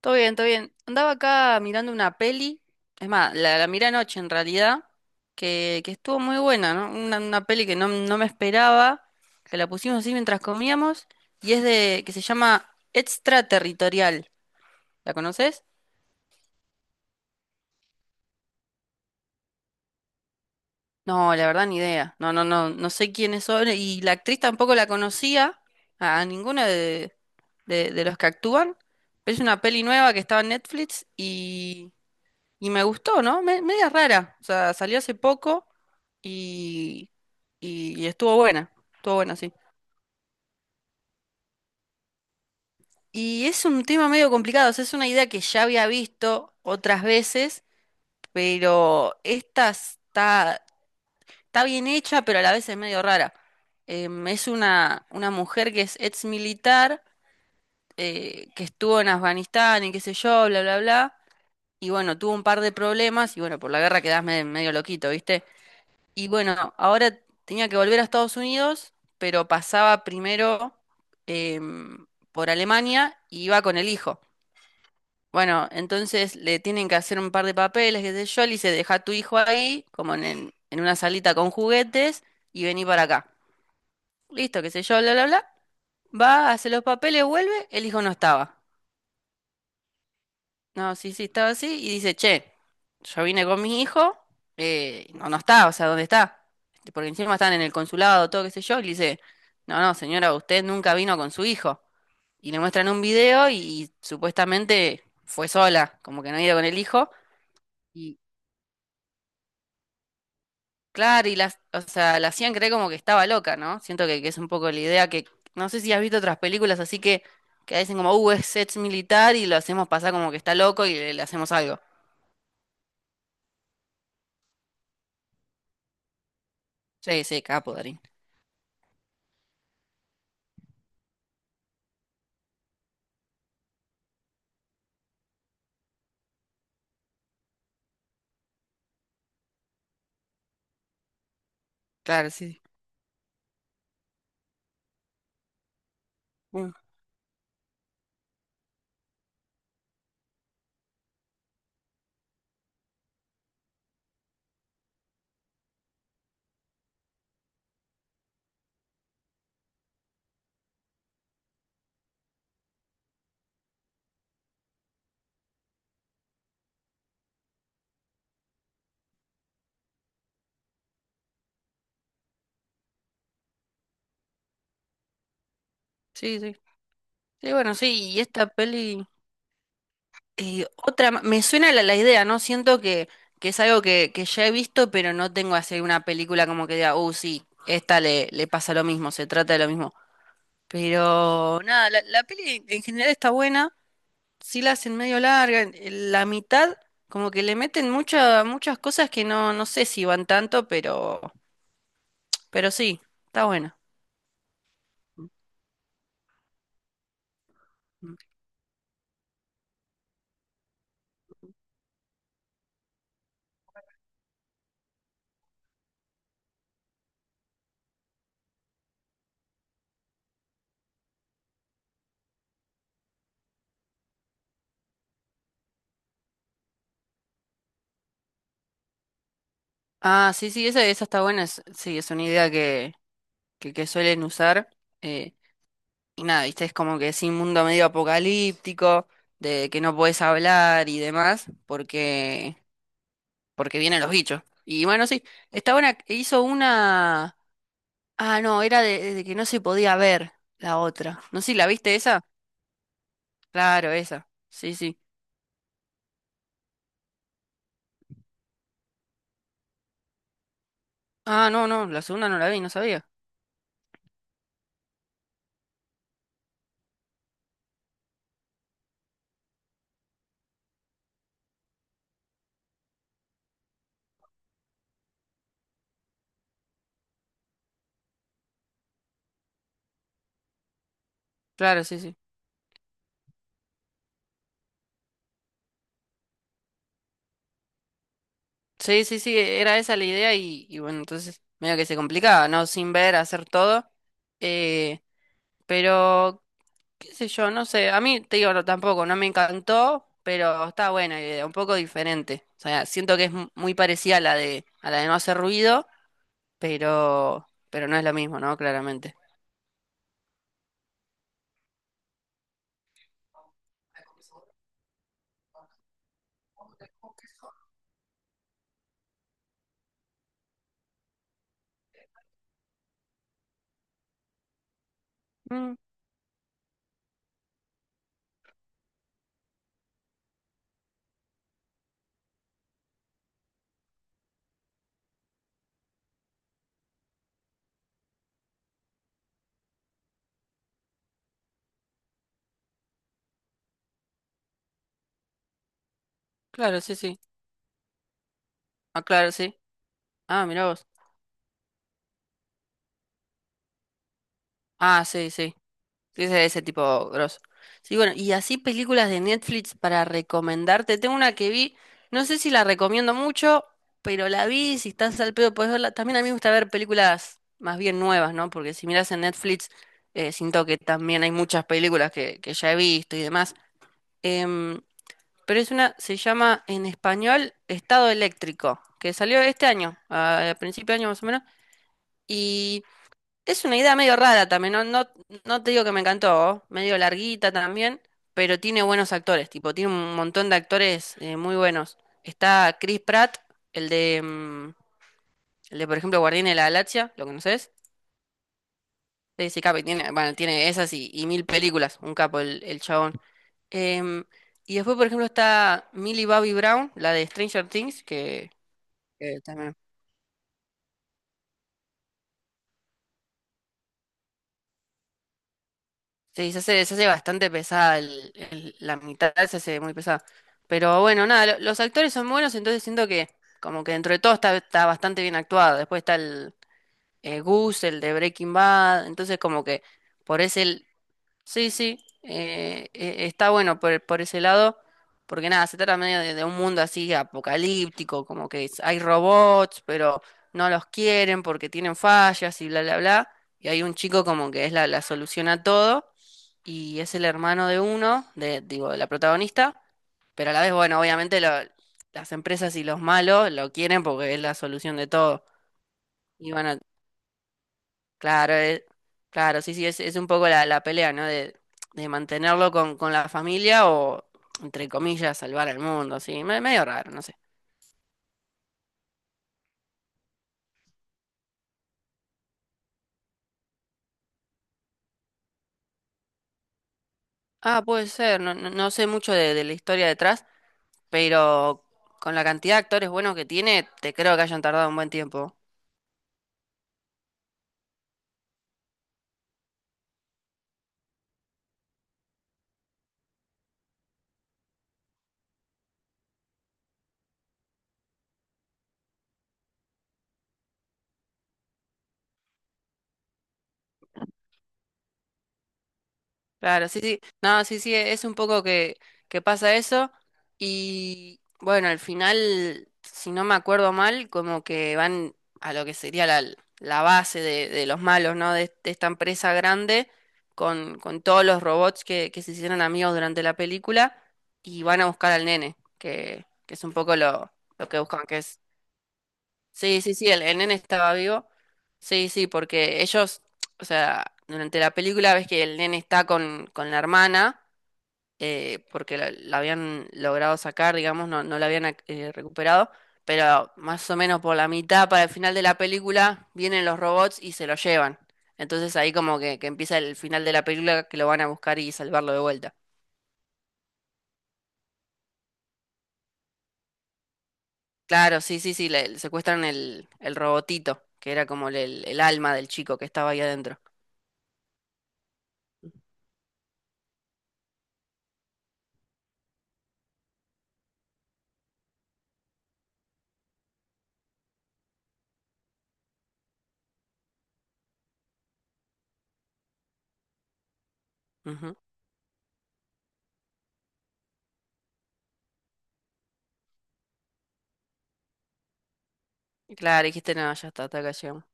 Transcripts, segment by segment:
Todo bien, todo bien. Andaba acá mirando una peli, es más, la miré anoche en realidad, que estuvo muy buena, ¿no? Una peli que no me esperaba, que la pusimos así mientras comíamos, y es de, que se llama Extraterritorial. ¿La conoces? No, la verdad ni idea. No, no, no, no sé quiénes son, y la actriz tampoco la conocía, a ninguna de, de los que actúan, pero es una peli nueva que estaba en Netflix. Y me gustó, ¿no? Media rara. O sea, salió hace poco y, y estuvo buena. Estuvo buena, sí. Y es un tema medio complicado. O sea, es una idea que ya había visto otras veces, pero esta está bien hecha, pero a la vez es medio rara. Es una mujer que es ex militar, que estuvo en Afganistán y qué sé yo, bla, bla, bla. Y bueno, tuvo un par de problemas y bueno, por la guerra quedás medio loquito, ¿viste? Y bueno, ahora tenía que volver a Estados Unidos, pero pasaba primero em, por Alemania y iba con el hijo. Bueno, entonces le tienen que hacer un par de papeles, qué sé yo, le dice, deja a tu hijo ahí, como en, en una salita con juguetes, y vení para acá. Listo, qué sé yo, bla, bla, bla. Va, hace los papeles, vuelve, el hijo no estaba. No, sí, sí, estaba así y dice, che, yo vine con mi hijo, no, no está, o sea, ¿dónde está? Este, porque encima están en el consulado, todo qué sé yo, y le dice, no, no, señora, usted nunca vino con su hijo. Y le muestran un video y supuestamente fue sola, como que no iba con el hijo. Y claro, y las, o sea, la hacían creer como que estaba loca, ¿no? Siento que es un poco la idea que, no sé si has visto otras películas así que dicen como, es ex militar y lo hacemos pasar como que está loco y le hacemos algo. Sí, sí, capo, Darín. Claro, sí. Bueno, sí, sí. Sí, bueno, sí, y esta peli, otra, me suena la idea, ¿no? Siento que es algo que ya he visto, pero no tengo así una película como que diga, oh, sí, esta le, le pasa lo mismo, se trata de lo mismo. Pero nada, la peli en general está buena, sí la hacen medio larga, en la mitad como que le meten muchas muchas cosas que no, no sé si van tanto, pero sí, está buena. Ah, sí, sí, esa está buena, sí, es una idea que suelen usar. Eh, y nada, viste, es como que es un mundo medio apocalíptico, de que no podés hablar y demás, porque, porque vienen los bichos. Y bueno, sí, esta buena hizo una. Ah, no, era de que no se podía ver la otra. No sé, si ¿la viste esa? Claro, esa. Sí, sí. Ah, no, no, la segunda no la vi, no sabía. Claro, sí, sí. Sí, sí, sí, era esa la idea y bueno, entonces medio que se complicaba, ¿no? Sin ver, hacer todo. Eh, pero qué sé yo, no sé, a mí te digo, no, tampoco, no me encantó, pero está buena la idea, un poco diferente. O sea, siento que es muy parecida a la de no hacer ruido, pero no es lo mismo, ¿no? Claramente. Mm, claro, sí, sí. Ah, claro, sí. Ah, mirá vos. Ah, sí, sí. Sí, ese tipo grosso. Sí, bueno, y así películas de Netflix para recomendarte. Tengo una que vi, no sé si la recomiendo mucho, pero la vi, si estás al pedo podés verla. También a mí me gusta ver películas más bien nuevas, ¿no? Porque si miras en Netflix, siento que también hay muchas películas que ya he visto y demás. Em, pero es una, se llama en español Estado Eléctrico, que salió este año, a principio de año más o menos. Es una idea medio rara también, no, no, no te digo que me encantó, medio larguita también, pero tiene buenos actores, tipo, tiene un montón de actores muy buenos. Está Chris Pratt, el de, el de, por ejemplo, Guardián de la Galaxia, ¿lo conoces? Ese capo, y tiene, bueno, tiene esas y mil películas, un capo el chabón. Em, y después, por ejemplo, está Millie Bobby Brown, la de Stranger Things, que también... Sí, se hace bastante pesada la mitad, se hace muy pesada. Pero bueno, nada, los actores son buenos, entonces siento que como que dentro de todo está, está bastante bien actuado. Después está el Gus, el de Breaking Bad, entonces como que por ese sí, sí, está bueno por ese lado, porque nada, se trata medio de un mundo así apocalíptico, como que hay robots, pero no los quieren porque tienen fallas y bla, bla, bla, y hay un chico como que es la solución a todo, y es el hermano de uno, de, digo, de la protagonista, pero a la vez, bueno, obviamente las empresas y los malos lo quieren porque es la solución de todo, y bueno, claro, claro, sí, sí, es un poco la pelea, ¿no? De mantenerlo con la familia o, entre comillas, salvar al mundo, sí, medio raro, no sé. Ah, puede ser, no, no, no sé mucho de la historia detrás, pero con la cantidad de actores buenos que tiene, te creo que hayan tardado un buen tiempo. Claro, sí, sí. No, sí, sí, es un poco que pasa eso. Y bueno, al final, si no me acuerdo mal, como que van a lo que sería la base de los malos, ¿no? De esta empresa grande con todos los robots que se hicieron amigos durante la película y van a buscar al nene, que es un poco lo que buscan, sí, sí, sí, el nene estaba vivo. Sí, sí, porque ellos, o sea, durante la película ves que el nene está con la hermana, porque la habían logrado sacar, digamos, no, no la habían recuperado, pero más o menos por la mitad, para el final de la película, vienen los robots y se lo llevan. Entonces ahí como que empieza el final de la película que lo van a buscar y salvarlo de vuelta. Claro, sí, sí, sí, le secuestran el robotito, que era como el alma del chico que estaba ahí adentro. Claro, dijiste, no, ya está, hasta acá llegamos.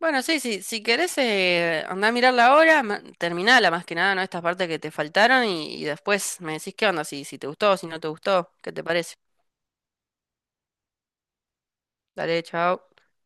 Bueno, sí, sí, si querés, andá a mirar la hora, terminala más que nada, ¿no? Estas partes que te faltaron y después me decís qué onda, si, si te gustó, si no te gustó, ¿qué te parece? Dale, chao.